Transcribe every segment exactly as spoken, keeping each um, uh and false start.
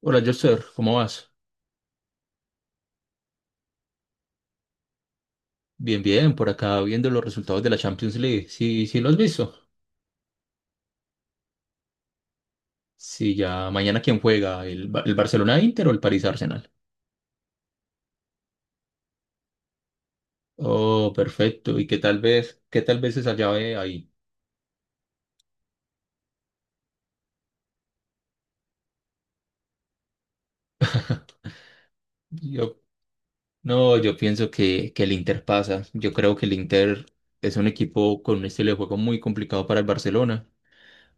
Hola, Joster, ¿cómo vas? Bien, bien, por acá viendo los resultados de la Champions League. Sí, sí, lo has visto. Sí, ya mañana quién juega, el, Ba- el Barcelona Inter o el París Arsenal. Oh, perfecto. ¿Y qué tal vez, qué tal vez esa llave ahí? Yo, no, yo pienso que, que el Inter pasa. Yo creo que el Inter es un equipo con un estilo de juego muy complicado para el Barcelona.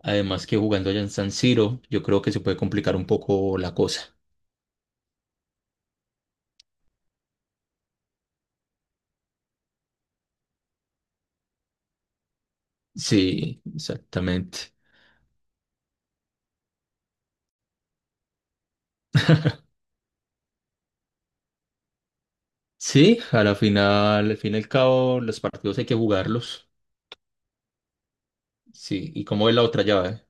Además que jugando allá en San Siro, yo creo que se puede complicar un poco la cosa. Sí, exactamente. Sí, a la final, al fin y al cabo, los partidos hay que jugarlos. Sí, ¿y cómo es la otra llave?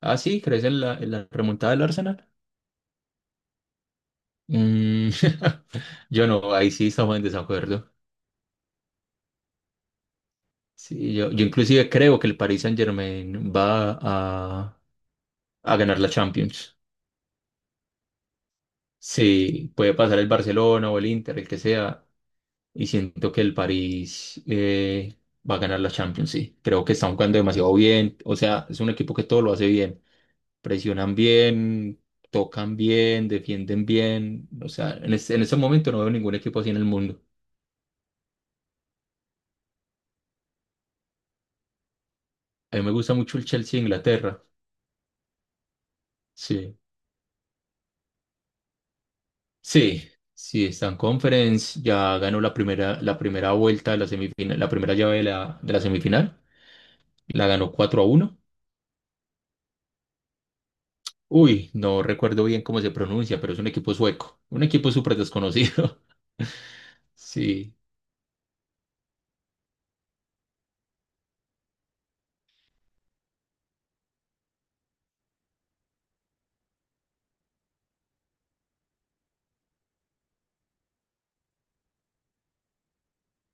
Ah, sí, ¿crees en la, en la remontada del Arsenal? Mm. Yo no, ahí sí estamos en desacuerdo. Sí, yo, yo inclusive creo que el Paris Saint-Germain va a, a ganar la Champions. Sí, puede pasar el Barcelona o el Inter, el que sea, y siento que el París eh, va a ganar la Champions, sí. Creo que están jugando demasiado bien, o sea, es un equipo que todo lo hace bien. Presionan bien, tocan bien, defienden bien. O sea, en ese, en ese momento no veo ningún equipo así en el mundo. A mí me gusta mucho el Chelsea de Inglaterra. Sí. Sí, sí, está en Conference, ya ganó la primera, la primera vuelta de la semifinal, la primera llave de la, de la semifinal, la ganó cuatro a uno. Uy, no recuerdo bien cómo se pronuncia, pero es un equipo sueco, un equipo súper desconocido. Sí.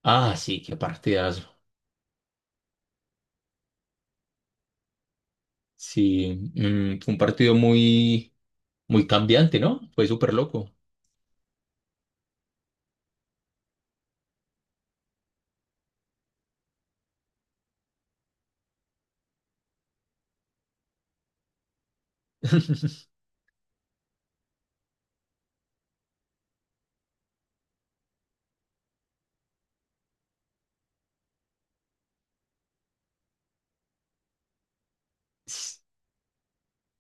Ah, sí, qué partidazo. Sí, mm, fue un partido muy, Muy cambiante, ¿no? Fue súper loco.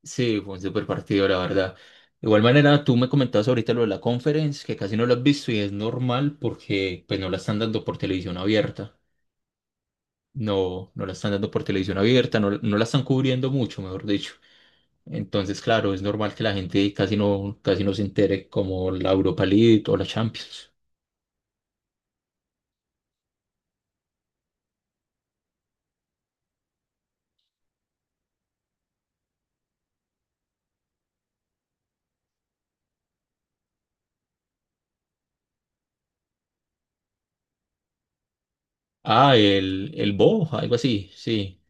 Sí, fue un súper partido, la verdad. De igual manera, tú me comentabas ahorita lo de la conference, que casi no lo has visto y es normal porque pues no la están dando por televisión abierta. No, no la están dando por televisión abierta, no, no la están cubriendo mucho, mejor dicho. Entonces, claro, es normal que la gente casi no, casi no se entere como la Europa League o la Champions. Ah, el, el Bo, algo así, sí.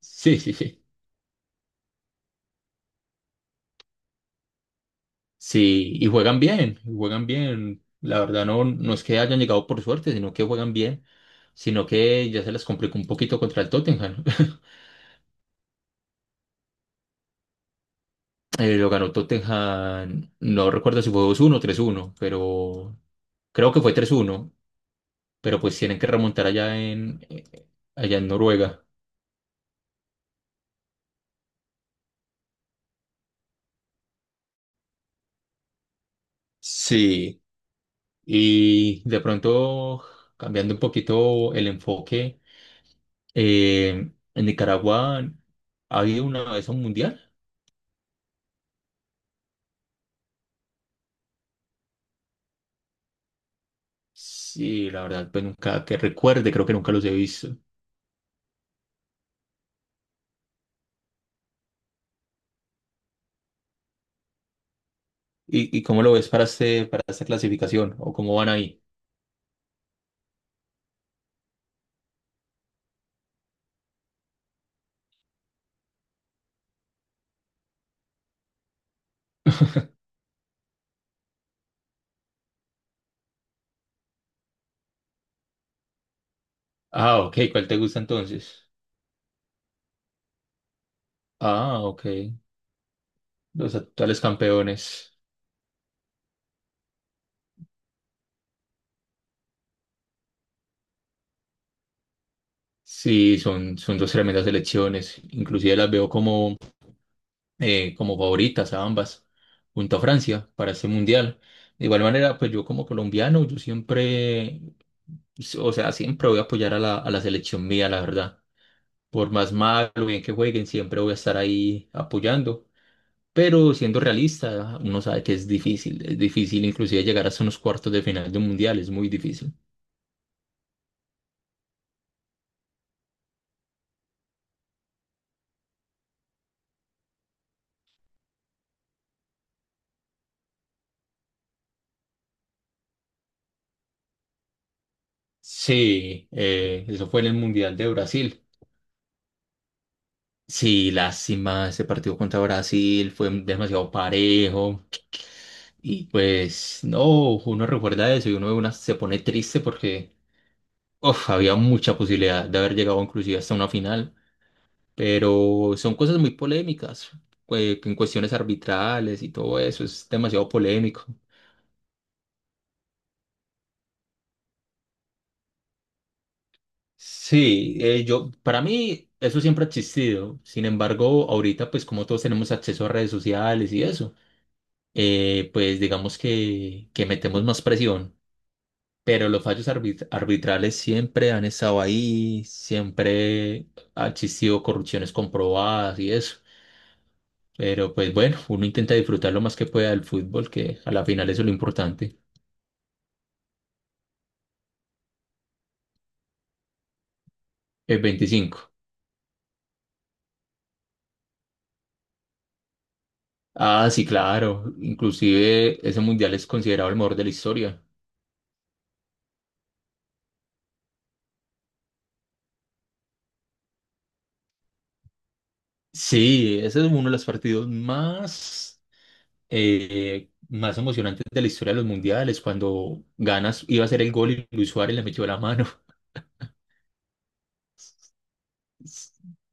Sí, sí, sí. Sí, y juegan bien, y juegan bien. La verdad no, no es que hayan llegado por suerte, sino que juegan bien, sino que ya se les complicó un poquito contra el Tottenham. Eh, lo ganó Tottenham, no recuerdo si fue dos uno o tres uno, pero creo que fue tres uno, pero pues tienen que remontar allá en, eh, allá en Noruega. Sí, y de pronto, cambiando un poquito el enfoque, eh, en Nicaragua ha habido una vez un mundial. Sí, la verdad, pues nunca que recuerde, creo que nunca los he visto. ¿Y, y cómo lo ves para este, para esta clasificación? ¿O cómo van ahí? Ah, ok, ¿cuál te gusta entonces? Ah, ok, los actuales campeones. Sí, son, son dos tremendas selecciones. Inclusive las veo como, eh, como favoritas a ambas, junto a Francia, para este mundial. De igual manera, pues yo como colombiano, yo siempre, o sea, siempre voy a apoyar a la, a la selección mía, la verdad. Por más mal o bien que jueguen, siempre voy a estar ahí apoyando. Pero siendo realista, uno sabe que es difícil. Es difícil inclusive llegar hasta unos cuartos de final de un mundial, es muy difícil. Sí, eh, eso fue en el Mundial de Brasil. Sí, lástima, ese partido contra Brasil fue demasiado parejo. Y pues no, uno recuerda eso y uno de una se pone triste porque uf, había mucha posibilidad de haber llegado inclusive hasta una final. Pero son cosas muy polémicas, eh, en cuestiones arbitrales y todo eso, es demasiado polémico. Sí, eh, yo, para mí eso siempre ha existido. Sin embargo, ahorita pues como todos tenemos acceso a redes sociales y eso, eh, pues digamos que, que metemos más presión. Pero los fallos arbit- arbitrales siempre han estado ahí, siempre ha existido corrupciones comprobadas y eso. Pero pues bueno, uno intenta disfrutar lo más que pueda del fútbol, que a la final eso es lo importante. El veinticinco. Ah, sí, claro. Inclusive ese mundial es considerado el mejor de la historia. Sí, ese es uno de los partidos más, eh, más emocionantes de la historia de los mundiales, cuando ganas, iba a ser el gol y Luis Suárez le metió la mano.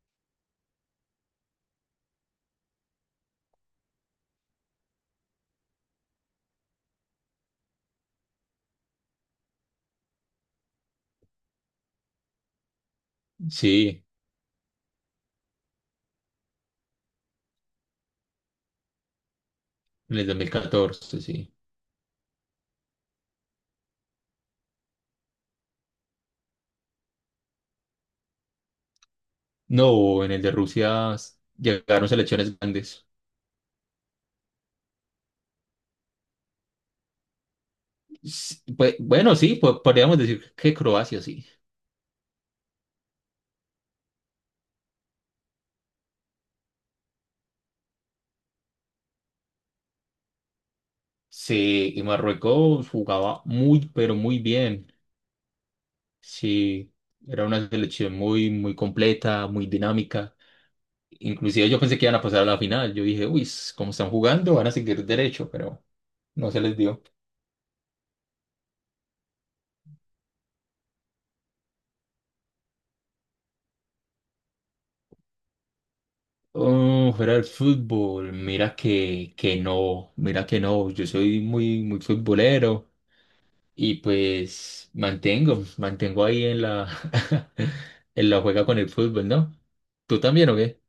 Sí, en el dos mil catorce sí. No, en el de Rusia llegaron selecciones grandes. S- pues, bueno, sí, po- podríamos decir que Croacia, sí. Sí, y Marruecos jugaba muy, pero muy bien. Sí, era una selección muy, muy completa, muy dinámica. Inclusive yo pensé que iban a pasar a la final. Yo dije, uy, s- como están jugando, van a seguir derecho, pero no se les dio. Oh, fuera del fútbol, mira que, que no, mira que no. Yo soy muy, muy futbolero y pues mantengo, mantengo ahí en la, en la juega con el fútbol, ¿no? ¿Tú también o qué?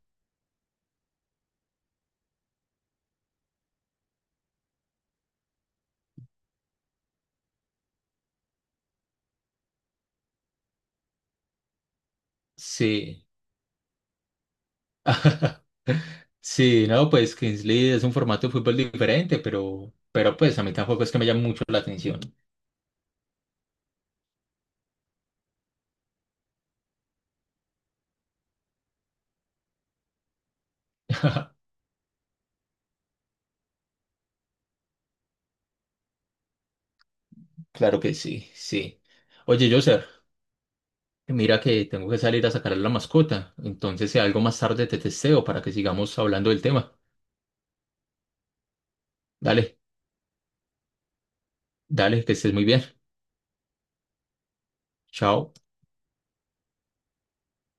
Sí. Sí, no, pues Kingsley es un formato de fútbol diferente, pero, pero pues a mí tampoco es que me llame mucho la atención. Claro que sí, sí. Oye, Joser, mira que tengo que salir a sacar a la mascota, entonces si algo más tarde te testeo para que sigamos hablando del tema. Dale, dale, que estés muy bien. Chao.